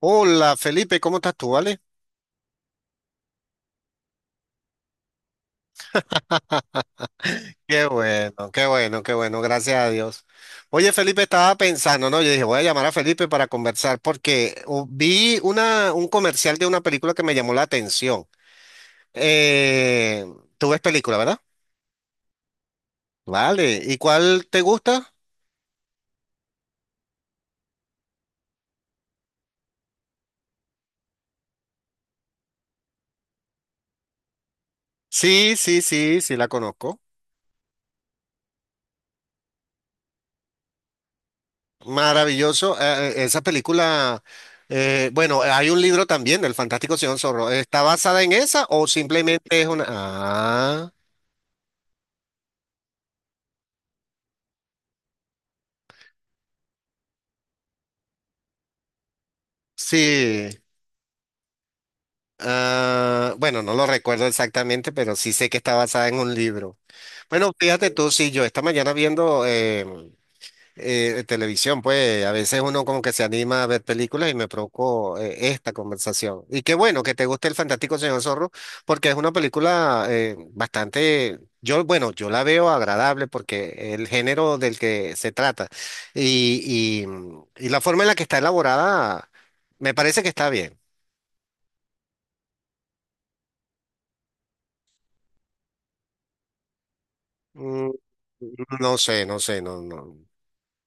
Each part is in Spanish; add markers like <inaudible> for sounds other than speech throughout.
Hola Felipe, ¿cómo estás tú, vale? Qué bueno, qué bueno, qué bueno, gracias a Dios. Oye Felipe, estaba pensando, ¿no? Yo dije, voy a llamar a Felipe para conversar porque vi un comercial de una película que me llamó la atención. Eh, tú ves película, ¿verdad? Vale, ¿y cuál te gusta? Sí, sí, sí, sí, la conozco. Maravilloso, esa película, bueno, hay un libro también del Fantástico Señor Zorro. ¿Está basada en esa o simplemente es una... ah, sí? Ah, bueno, no lo recuerdo exactamente, pero sí sé que está basada en un libro. Bueno, fíjate tú, sí, yo esta mañana viendo televisión, pues a veces uno como que se anima a ver películas y me provocó esta conversación. Y qué bueno que te guste El Fantástico Señor Zorro, porque es una película bastante, yo, bueno, yo la veo agradable porque el género del que se trata y, y, y la forma en la que está elaborada, me parece que está bien. Mm. No sé, no sé, no, no.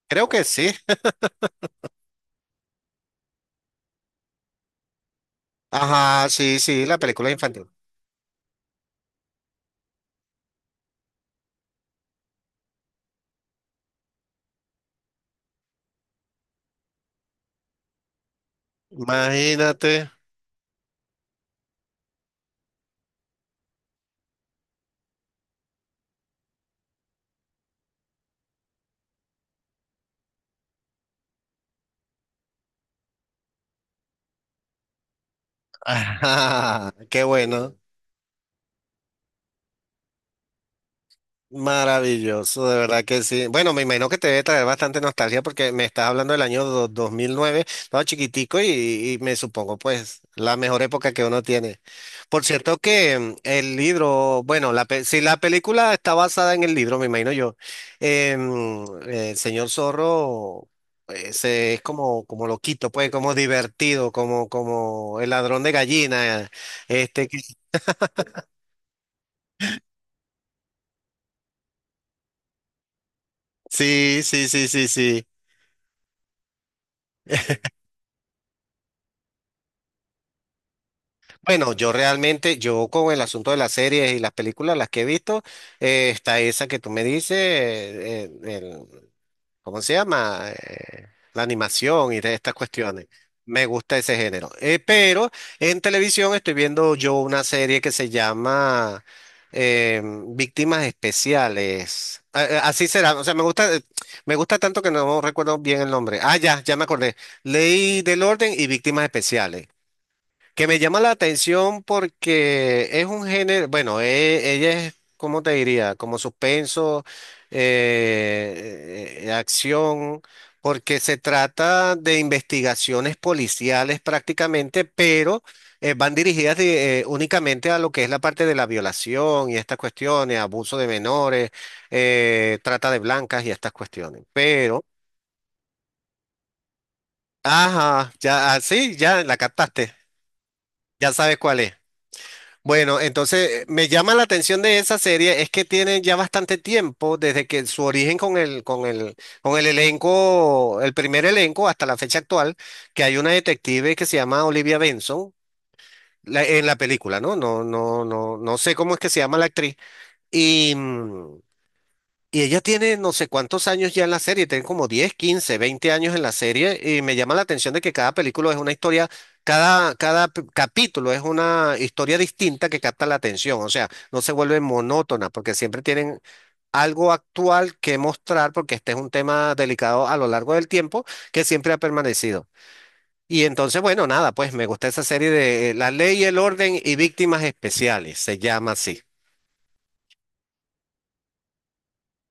Creo que sí. Ajá, sí, sí, la película infantil. Imagínate. <laughs> Ajá, qué bueno. Maravilloso, de verdad que sí. Bueno, me imagino que te debe traer bastante nostalgia porque me estás hablando del año 2009, estaba chiquitico y me supongo pues la mejor época que uno tiene. Por cierto que el libro, bueno, si la película está basada en el libro, me imagino yo, el señor Zorro es como, como loquito, pues como divertido, como, como el ladrón de gallina. Este, que- sí, sí, sí, sí, sí. Bueno, yo realmente, yo con el asunto de las series y las películas, las que he visto, está esa que tú me dices, ¿cómo se llama? La animación y de estas cuestiones. Me gusta ese género. Pero en televisión estoy viendo yo una serie que se llama Víctimas Especiales. Así será, o sea, me gusta tanto que no recuerdo bien el nombre. Ah, ya, ya me acordé. Ley del Orden y Víctimas Especiales. Que me llama la atención porque es un género, bueno, ella es, ¿cómo te diría? Como suspenso, acción, porque se trata de investigaciones policiales prácticamente, pero van dirigidas únicamente a lo que es la parte de la violación y estas cuestiones, abuso de menores, trata de blancas y estas cuestiones. Pero, ajá, ya, ah, sí, ya la captaste, ya sabes cuál es. Bueno, entonces me llama la atención de esa serie es que tienen ya bastante tiempo desde que su origen con el elenco, el primer elenco hasta la fecha actual, que hay una detective que se llama Olivia Benson en la película, ¿no? No, no, no, no sé cómo es que se llama la actriz. Y, mm, y ella tiene no sé cuántos años ya en la serie, tiene como 10 15 20 años en la serie y me llama la atención de que cada película es una historia, capítulo es una historia distinta que capta la atención, o sea, no se vuelve monótona porque siempre tienen algo actual que mostrar porque este es un tema delicado a lo largo del tiempo que siempre ha permanecido. Y entonces, bueno, nada, pues me gusta esa serie de La Ley el Orden y Víctimas Especiales, se llama así.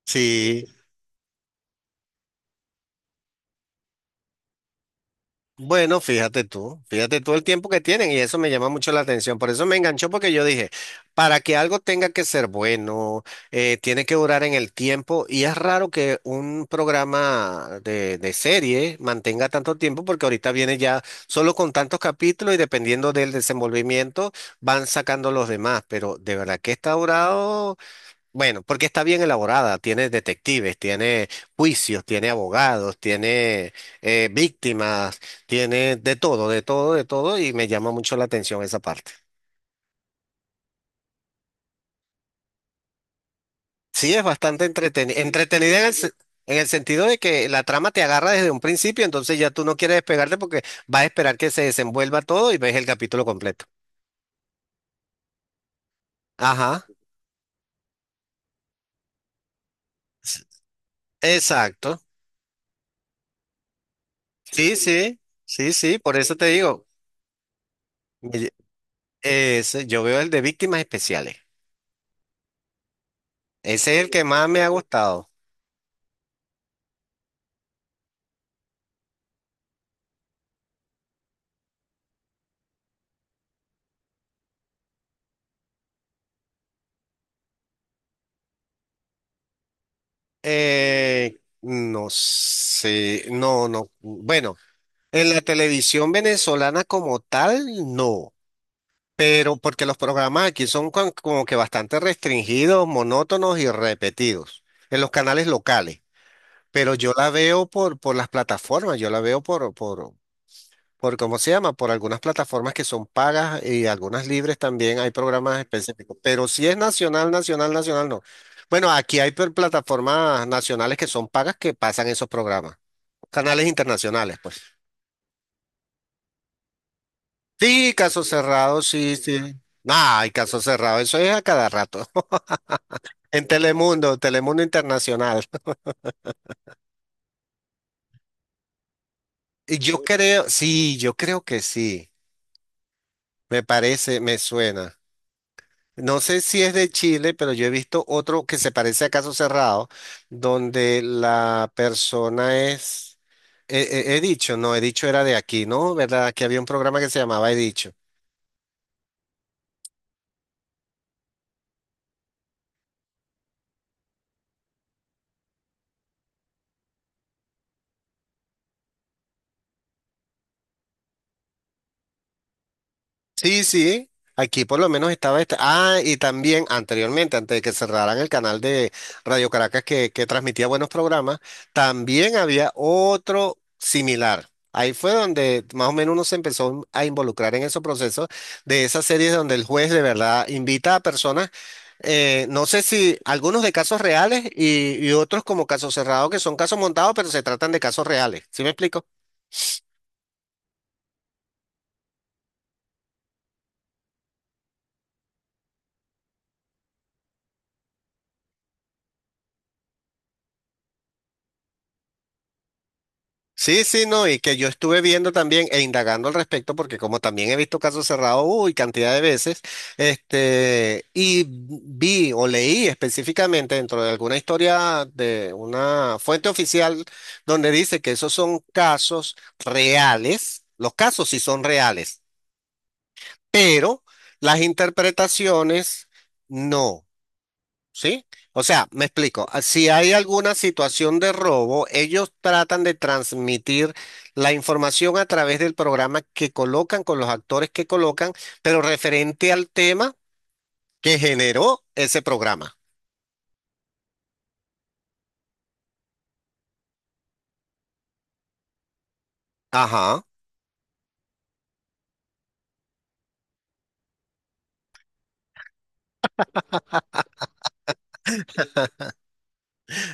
Sí. Bueno, fíjate tú el tiempo que tienen y eso me llama mucho la atención. Por eso me enganchó porque yo dije, para que algo tenga que ser bueno, tiene que durar en el tiempo y es raro que un programa de serie mantenga tanto tiempo porque ahorita viene ya solo con tantos capítulos y dependiendo del desenvolvimiento van sacando los demás, pero de verdad que está durado bueno, porque está bien elaborada, tiene detectives, tiene juicios, tiene abogados, tiene víctimas, tiene de todo, de todo, de todo, y me llama mucho la atención esa parte. Sí, es bastante entretenida, en el sentido de que la trama te agarra desde un principio, entonces ya tú no quieres despegarte porque vas a esperar que se desenvuelva todo y ves el capítulo completo. Ajá, s- exacto. Sí, sí, sí, sí, por eso te digo, me lle- yo veo el de víctimas especiales. Ese es el que más me ha gustado. No sé, no, no. Bueno, en la televisión venezolana como tal, no. Pero porque los programas aquí son como que bastante restringidos, monótonos y repetidos en los canales locales. Pero yo la veo por las plataformas, yo la veo por cómo se llama, por algunas plataformas que son pagas y algunas libres también hay programas específicos, pero si es nacional, nacional, nacional, no. Bueno, aquí hay plataformas nacionales que son pagas que pasan esos programas, canales internacionales, pues. Sí, caso cerrado, sí, sí. No, hay caso cerrado, eso es a cada rato. <laughs> En Telemundo, Telemundo Internacional. <laughs> Y yo creo, sí, yo creo que sí. Me parece, me suena. No sé si es de Chile, pero yo he visto otro que se parece a Caso Cerrado, donde la persona es... He, he dicho, no, he dicho era de aquí, ¿no? ¿Verdad? Aquí había un programa que se llamaba He dicho. Sí, sí. Aquí por lo menos estaba esta. Ah, y también anteriormente, antes de que cerraran el canal de Radio Caracas que transmitía buenos programas, también había otro similar. Ahí fue donde más o menos uno se empezó a involucrar en esos procesos de esas series donde el juez de verdad invita a personas, no sé si algunos de casos reales y otros como casos cerrados que son casos montados, pero se tratan de casos reales. ¿Sí me explico? Sí, sí, no, y que yo estuve viendo también e indagando al respecto, porque como también he visto casos cerrados, uy, cantidad de veces, este, y vi o leí específicamente dentro de alguna historia de una fuente oficial donde dice que esos son casos reales, los casos sí son reales, pero las interpretaciones no. ¿Sí? O sea, me explico. Ah, si hay alguna situación de robo, ellos tratan de transmitir la información a través del programa que colocan, con los actores que colocan, pero referente al tema que generó ese programa. Ajá.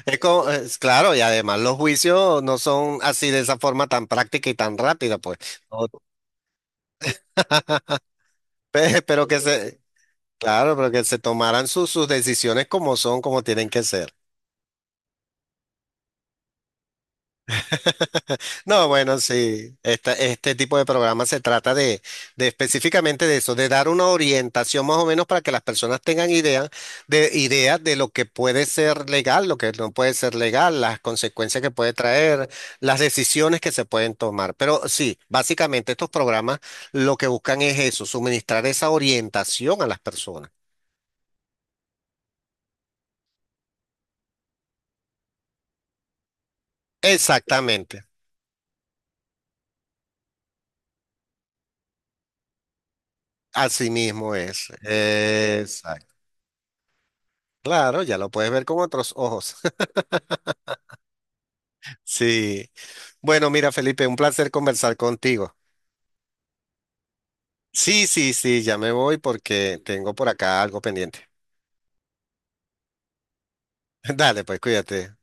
Es claro, y además los juicios no son así de esa forma tan práctica y tan rápida, pues. No, <laughs> pero que se, claro, pero que se tomaran sus decisiones como son, como tienen que ser. <laughs> No, bueno, sí, este tipo de programas se trata de específicamente de eso, de dar una orientación más o menos para que las personas tengan idea de lo que puede ser legal, lo que no puede ser legal, las consecuencias que puede traer, las decisiones que se pueden tomar. Pero sí, básicamente estos programas lo que buscan es eso, suministrar esa orientación a las personas. Exactamente, así mismo es. Exacto. Claro, ya lo puedes ver con otros ojos. Sí. Bueno, mira, Felipe, un placer conversar contigo. Sí, sí, sí, ya me voy porque tengo por acá algo pendiente. <laughs> Dale, pues cuídate.